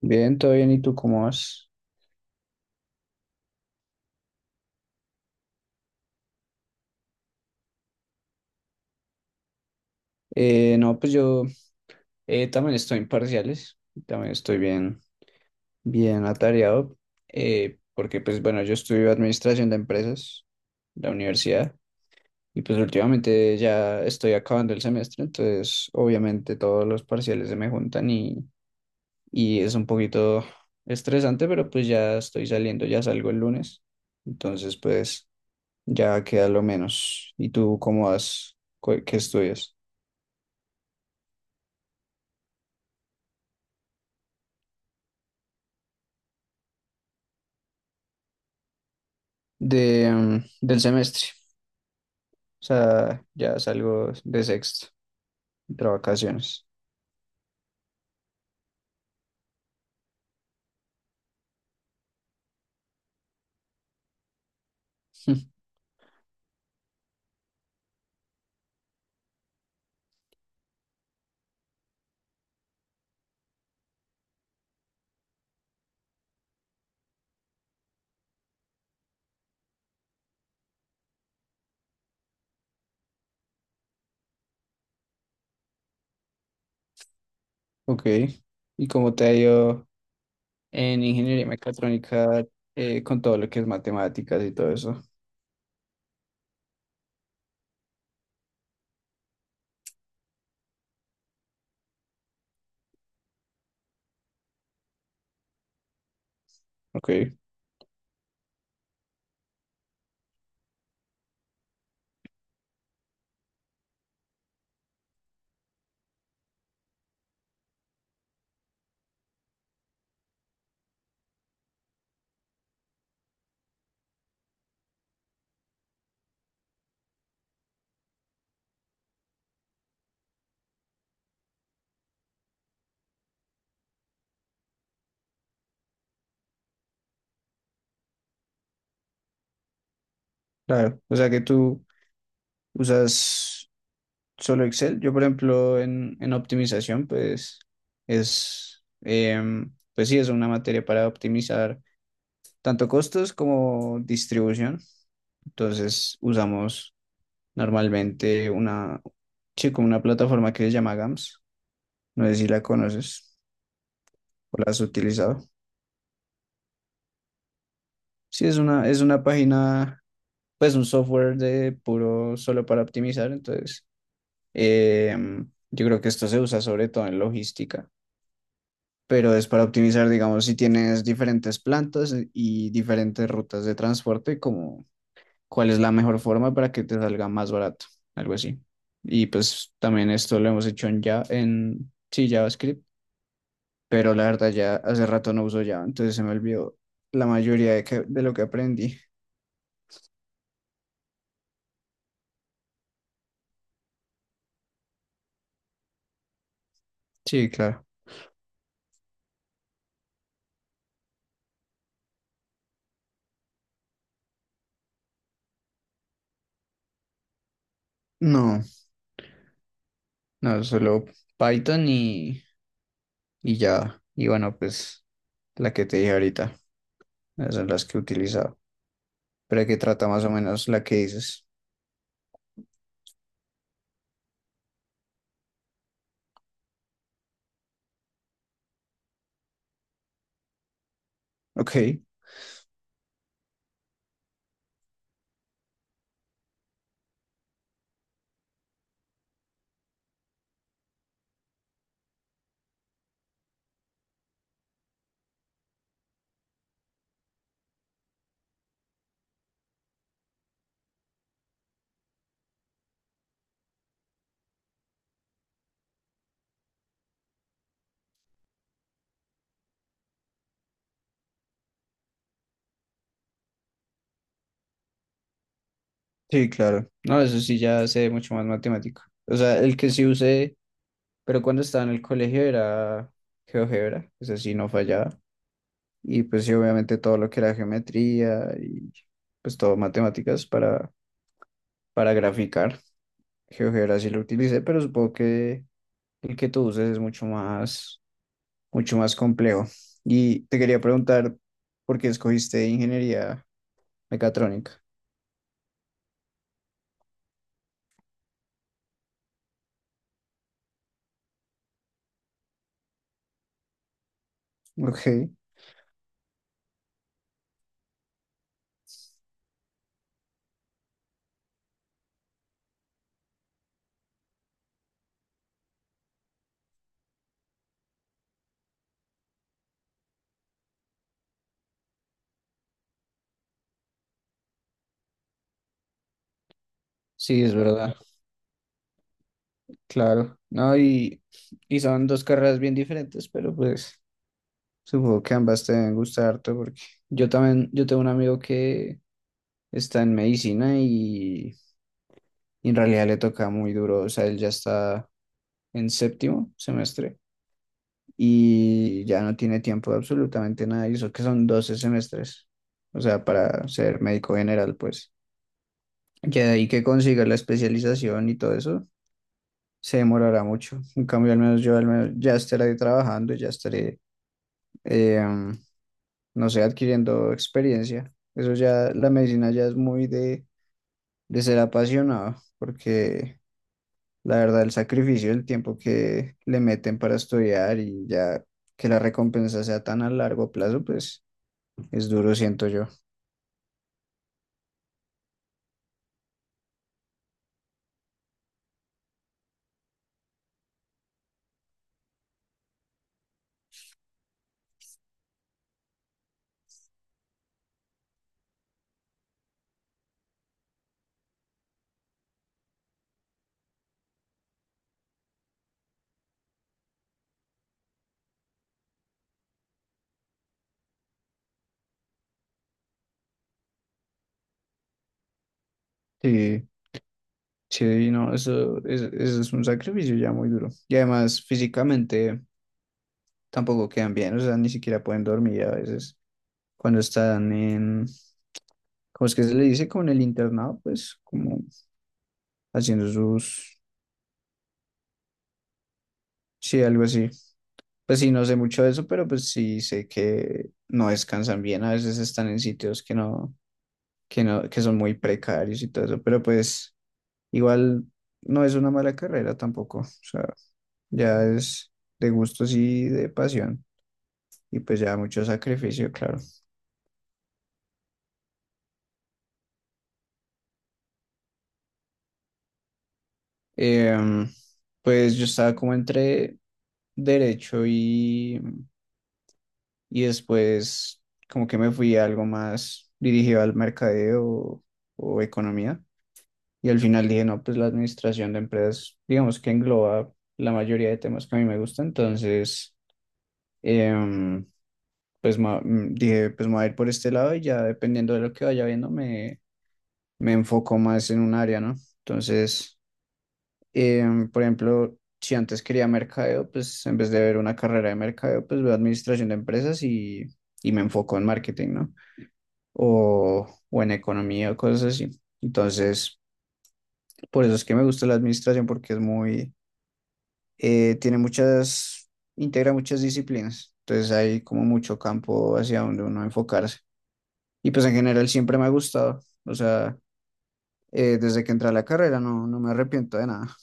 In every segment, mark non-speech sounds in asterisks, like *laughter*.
Bien, todo bien. ¿Y tú cómo vas? No, pues yo también estoy en parciales, también estoy bien, bien atareado, porque pues bueno, yo estudio administración de empresas, la universidad, y pues últimamente ya estoy acabando el semestre, entonces obviamente todos los parciales se me juntan y es un poquito estresante, pero pues ya estoy saliendo, ya salgo el lunes, entonces pues ya queda lo menos. ¿Y tú cómo vas? ¿Qué estudias? De, mm, del semestre. O sea, ya salgo de sexto, de vacaciones. *laughs* Ok. ¿Y cómo te ha ido en ingeniería mecatrónica con todo lo que es matemáticas y todo eso? Ok, claro. O sea que tú usas solo Excel. Yo, por ejemplo, en optimización, pues es, pues sí, es una materia para optimizar tanto costos como distribución. Entonces usamos normalmente una, sí, como una plataforma que se llama GAMS. No sé si la conoces o la has utilizado. Sí, es una página, pues un software de puro solo para optimizar. Entonces, yo creo que esto se usa sobre todo en logística, pero es para optimizar, digamos, si tienes diferentes plantas e, y diferentes rutas de transporte, como cuál es la mejor forma para que te salga más barato, algo así. Y pues también esto lo hemos hecho en, ya, en sí, JavaScript, pero la verdad ya hace rato no uso Java, entonces se me olvidó la mayoría de lo que aprendí. Sí, claro. No, no, solo Python y Java. Y bueno, pues la que te dije ahorita, esas son las que he utilizado. Pero que trata más o menos la que dices. Ok, sí, claro. No, eso sí ya sé mucho más matemático. O sea, el que sí usé, pero cuando estaba en el colegio era GeoGebra, eso sí no fallaba. Y pues sí, obviamente todo lo que era geometría y pues todo matemáticas para graficar. GeoGebra sí lo utilicé, pero supongo que el que tú uses es mucho más complejo. Y te quería preguntar por qué escogiste ingeniería mecatrónica. *laughs* Ok, sí, es verdad, claro. No, y son dos carreras bien diferentes, pero pues supongo que ambas te deben gustar harto porque yo también, yo tengo un amigo que está en medicina y en realidad le toca muy duro, o sea, él ya está en séptimo semestre y ya no tiene tiempo de absolutamente nada, y eso que son 12 semestres, o sea, para ser médico general, pues. Ya de ahí que consiga la especialización y todo eso, se demorará mucho. En cambio, al menos yo al menos ya estaré trabajando, ya estaré, eh, um, no sé, adquiriendo experiencia. Eso ya, la medicina ya es muy de ser apasionado, porque la verdad, el sacrificio, el tiempo que le meten para estudiar y ya que la recompensa sea tan a largo plazo, pues es duro, siento yo. Sí, sí, no, eso es un sacrificio ya muy duro. Y además, físicamente tampoco quedan bien, o sea, ni siquiera pueden dormir a veces cuando están en, ¿cómo es que se le dice? Como en el internado, pues como haciendo sus, sí, algo así. Pues sí, no sé mucho de eso, pero pues sí sé que no descansan bien, a veces están en sitios que no, que son muy precarios y todo eso, pero pues igual no es una mala carrera tampoco, o sea, ya es de gustos y de pasión y pues ya mucho sacrificio, claro. Em, pues yo estaba como entre derecho y después como que me fui a algo más dirigido al mercadeo o economía y al final dije, no, pues la administración de empresas, digamos que engloba la mayoría de temas que a mí me gustan, entonces... em, dije, pues me voy a ir por este lado y ya dependiendo de lo que vaya viendo me, me enfoco más en un área, ¿no? Entonces, por ejemplo, si antes quería mercadeo, pues en vez de ver una carrera de mercadeo, pues veo administración de empresas y me enfoco en marketing, ¿no? O en economía o cosas así. Entonces, por eso es que me gusta la administración porque es muy, tiene muchas, integra muchas disciplinas. Entonces hay como mucho campo hacia donde uno enfocarse. Y pues en general siempre me ha gustado. O sea, desde que entré a la carrera no, no me arrepiento de nada.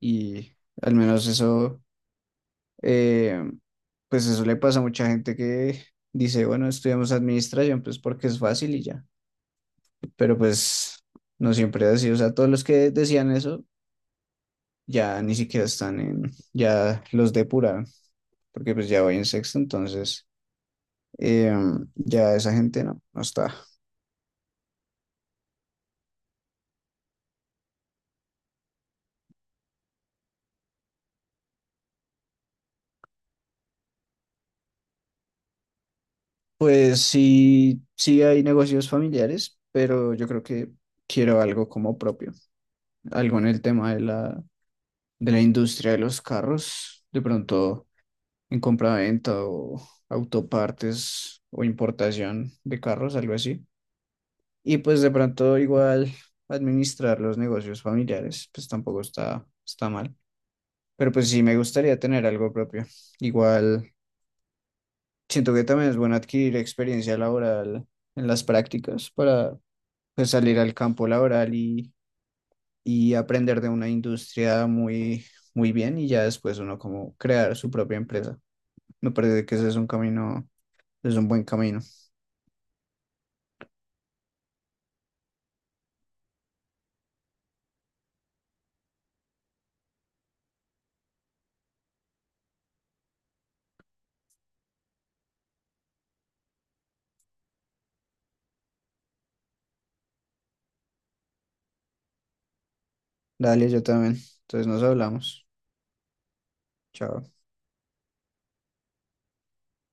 Y al menos eso, eh, pues eso le pasa a mucha gente que dice, bueno, estudiamos administración, pues porque es fácil y ya. Pero pues no siempre es así. O sea, todos los que decían eso ya ni siquiera están en, ya los depuraron, porque pues ya voy en sexto, entonces eh, ya esa gente no, no está. Pues sí, sí hay negocios familiares, pero yo creo que quiero algo como propio, algo en el tema de la industria de los carros, de pronto en compraventa o autopartes o importación de carros, algo así. Y pues de pronto igual administrar los negocios familiares, pues tampoco está, está mal, pero pues sí me gustaría tener algo propio. Igual siento que también es bueno adquirir experiencia laboral en las prácticas para pues salir al campo laboral y aprender de una industria muy, muy bien y ya después uno como crear su propia empresa. Me parece que ese es un camino, es un buen camino. Dale, yo también. Entonces nos hablamos. Chao.